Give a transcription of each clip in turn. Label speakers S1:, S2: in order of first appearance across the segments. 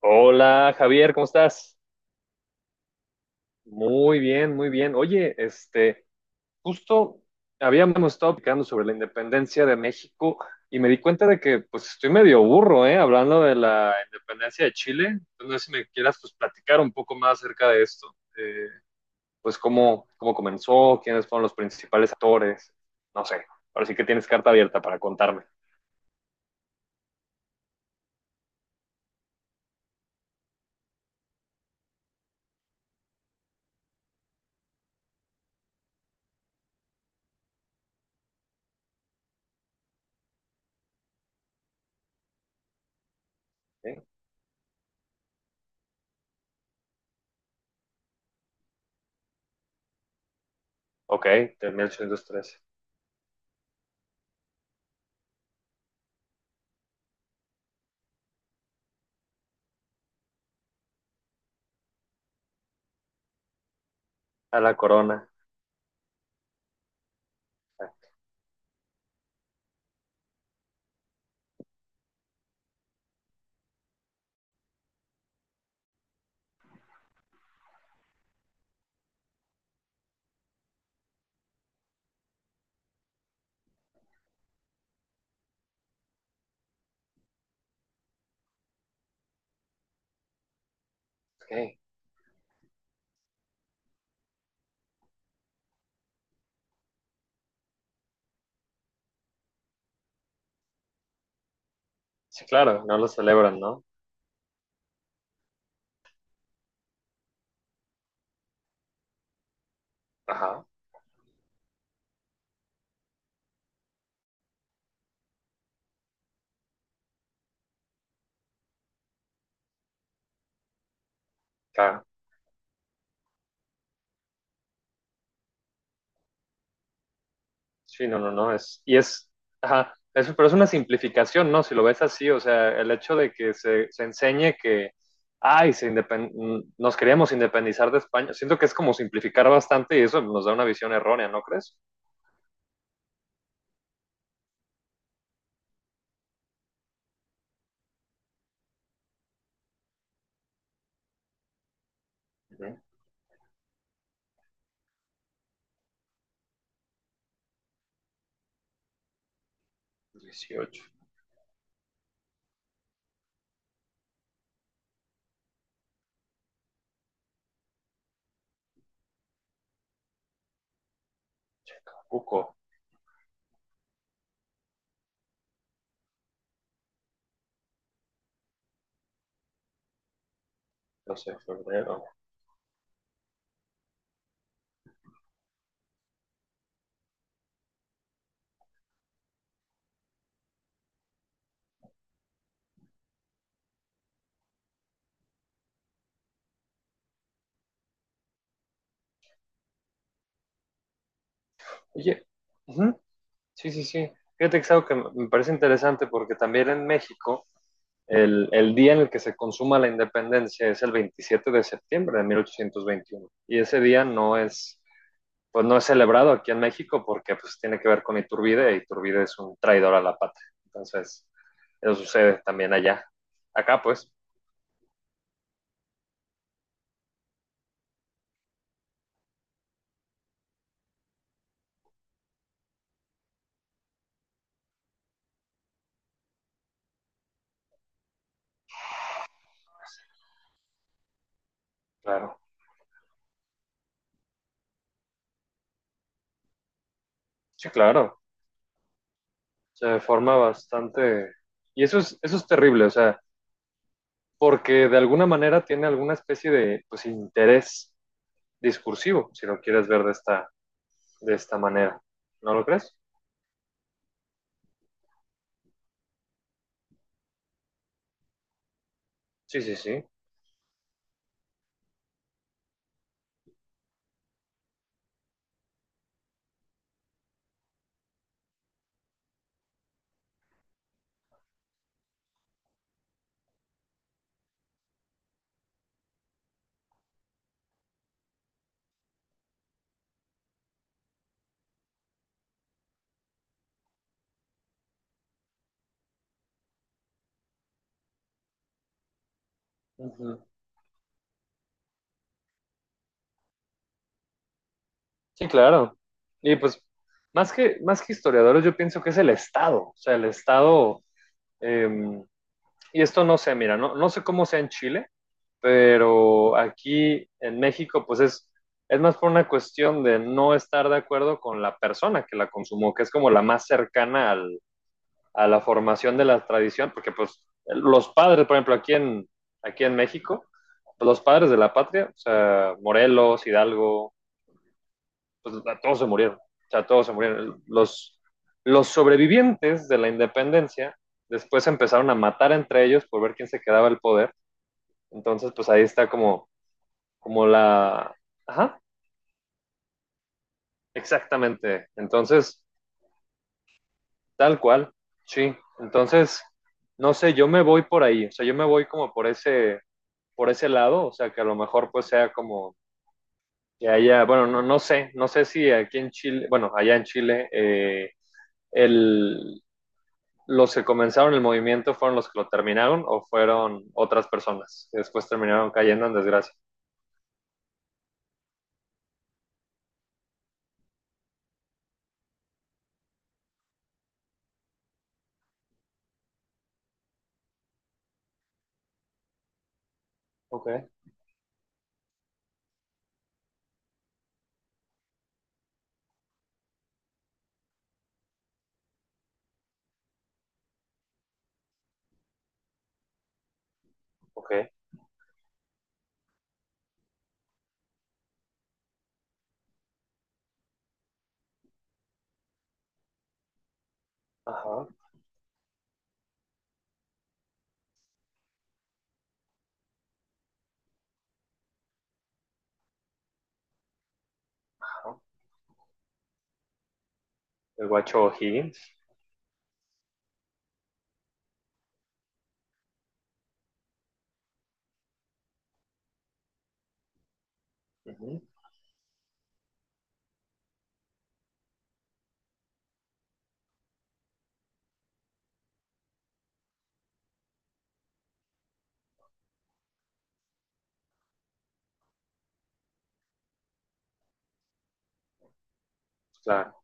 S1: Hola Javier, ¿cómo estás? Muy bien, muy bien. Oye, justo habíamos estado platicando sobre la independencia de México y me di cuenta de que pues estoy medio burro, ¿eh? Hablando de la independencia de Chile. Entonces, no sé si me quieras pues platicar un poco más acerca de esto. Eh, pues cómo comenzó, quiénes fueron los principales actores, no sé. Ahora sí que tienes carta abierta para contarme. ¿Eh? Ok, de mil ochocientos trece. A la corona. Ok. Sí, claro, no lo celebran, ¿no? Ajá. Claro. Sí, no, no, no, y es, ajá, eso, pero es una simplificación, ¿no? Si lo ves así, o sea, el hecho de se enseñe que, ay, nos queríamos independizar de España, siento que es como simplificar bastante y eso nos da una visión errónea, ¿no crees? Ujú. 18. Cuco. 12 de febrero. Oye, ujú. Sí, sí, sí. Fíjate que es algo que me parece interesante porque también en México el día en el que se consuma la independencia es el 27 de septiembre de 1821 y ese día no es, pues no es celebrado aquí en México porque pues tiene que ver con Iturbide, y Iturbide es un traidor a la patria. Entonces, eso sucede también allá. Acá, pues, claro. Sí, claro. Se de forma bastante. Y eso es terrible, o sea, porque de alguna manera tiene alguna especie de pues, interés discursivo, si lo quieres ver de de esta manera. ¿No lo crees? Sí, sí, sí. Ujú. Sí, claro. Y pues, más que historiadores, yo pienso que es el Estado, o sea, el Estado. Eh, y esto no sé, mira, no sé cómo sea en Chile, pero aquí en México, pues es más por una cuestión de no estar de acuerdo con la persona que la consumó, que es como la más cercana a la formación de la tradición, porque pues los padres, por ejemplo, aquí en México, pues, los padres de la patria, o sea, Morelos, Hidalgo, pues todos se murieron. O sea, todos se murieron. Los sobrevivientes de la independencia después empezaron a matar entre ellos por ver quién se quedaba el poder. Entonces, pues ahí está como, como la... Ajá, exactamente. Entonces, tal cual, sí. Entonces, no sé, yo me voy por ahí. O sea, yo me voy como por por ese lado. O sea, que a lo mejor pues sea como que haya, bueno, no sé, no sé si aquí en Chile, bueno, allá en Chile, el, ¿los que comenzaron el movimiento fueron los que lo terminaron o fueron otras personas que después terminaron cayendo en desgracia? Ok, ok, ajá, ajá. El guacho Higgins, uh-huh. Claro.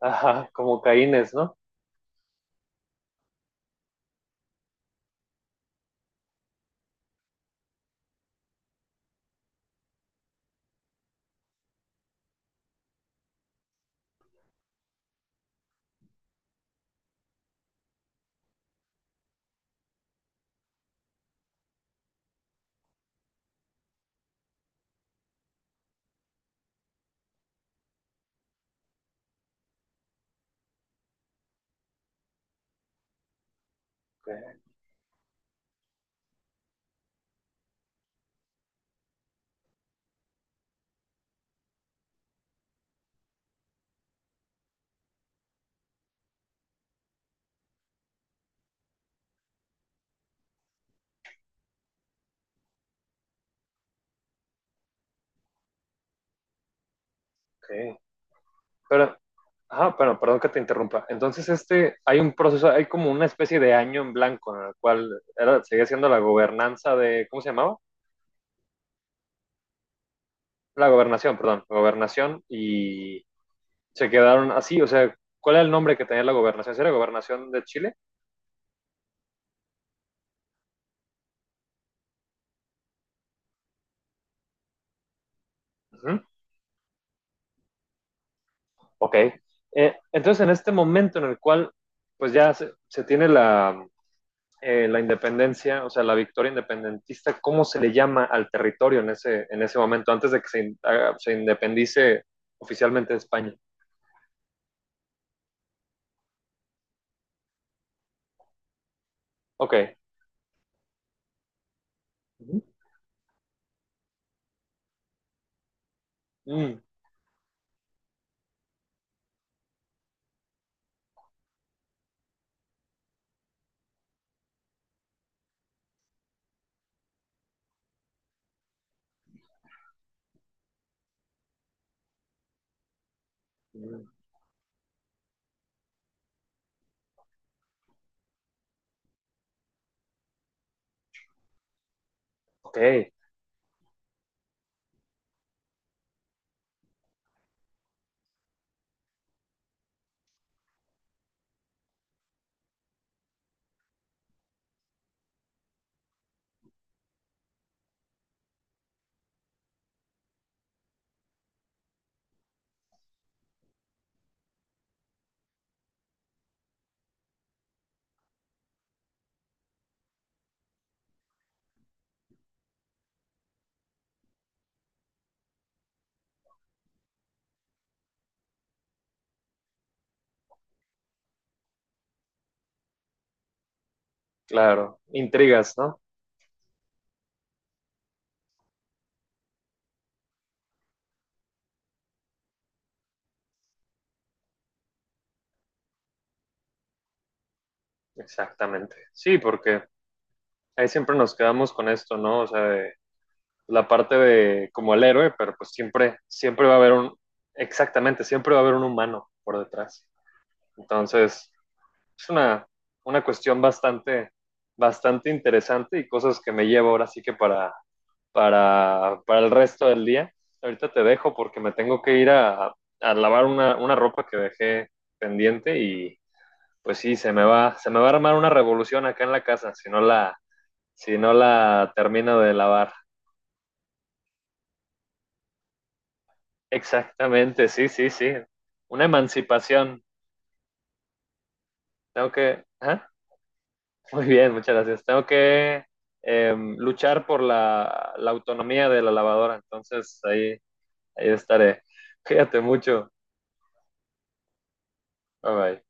S1: Ajá, como Caínes, ¿no? Ok, ok. Pero, ajá, pero perdón que te interrumpa. Entonces, hay un proceso, hay como una especie de año en blanco en el cual era, seguía siendo la gobernanza de, ¿cómo se llamaba? La gobernación, perdón, gobernación y se quedaron así, o sea, ¿cuál era el nombre que tenía la gobernación? ¿Sí? ¿Era gobernación de Chile? Uh -huh. Ok. Entonces, en este momento en el cual, pues ya se tiene la independencia, o sea, la victoria independentista, ¿cómo se le llama al territorio en en ese momento, antes de que se independice oficialmente de España? Ok. Uh -huh. Mm. Ok, claro. Intrigas, ¿no? Exactamente. Sí, porque ahí siempre nos quedamos con esto, ¿no? O sea, de, la parte de como el héroe, pero pues siempre va a haber un, exactamente, siempre va a haber un humano por detrás. Entonces, es una cuestión bastante, bastante interesante y cosas que me llevo ahora sí que para el resto del día. Ahorita te dejo porque me tengo que ir a lavar una ropa que dejé pendiente y pues sí, se me va a armar una revolución acá en la casa si no si no la termino de lavar. Exactamente, sí, sí, sí. Una emancipación. Tengo que, ajá. Muy bien, muchas gracias. Tengo que luchar por la autonomía de la lavadora. Entonces ahí, ahí estaré. Cuídate mucho. Bye bye.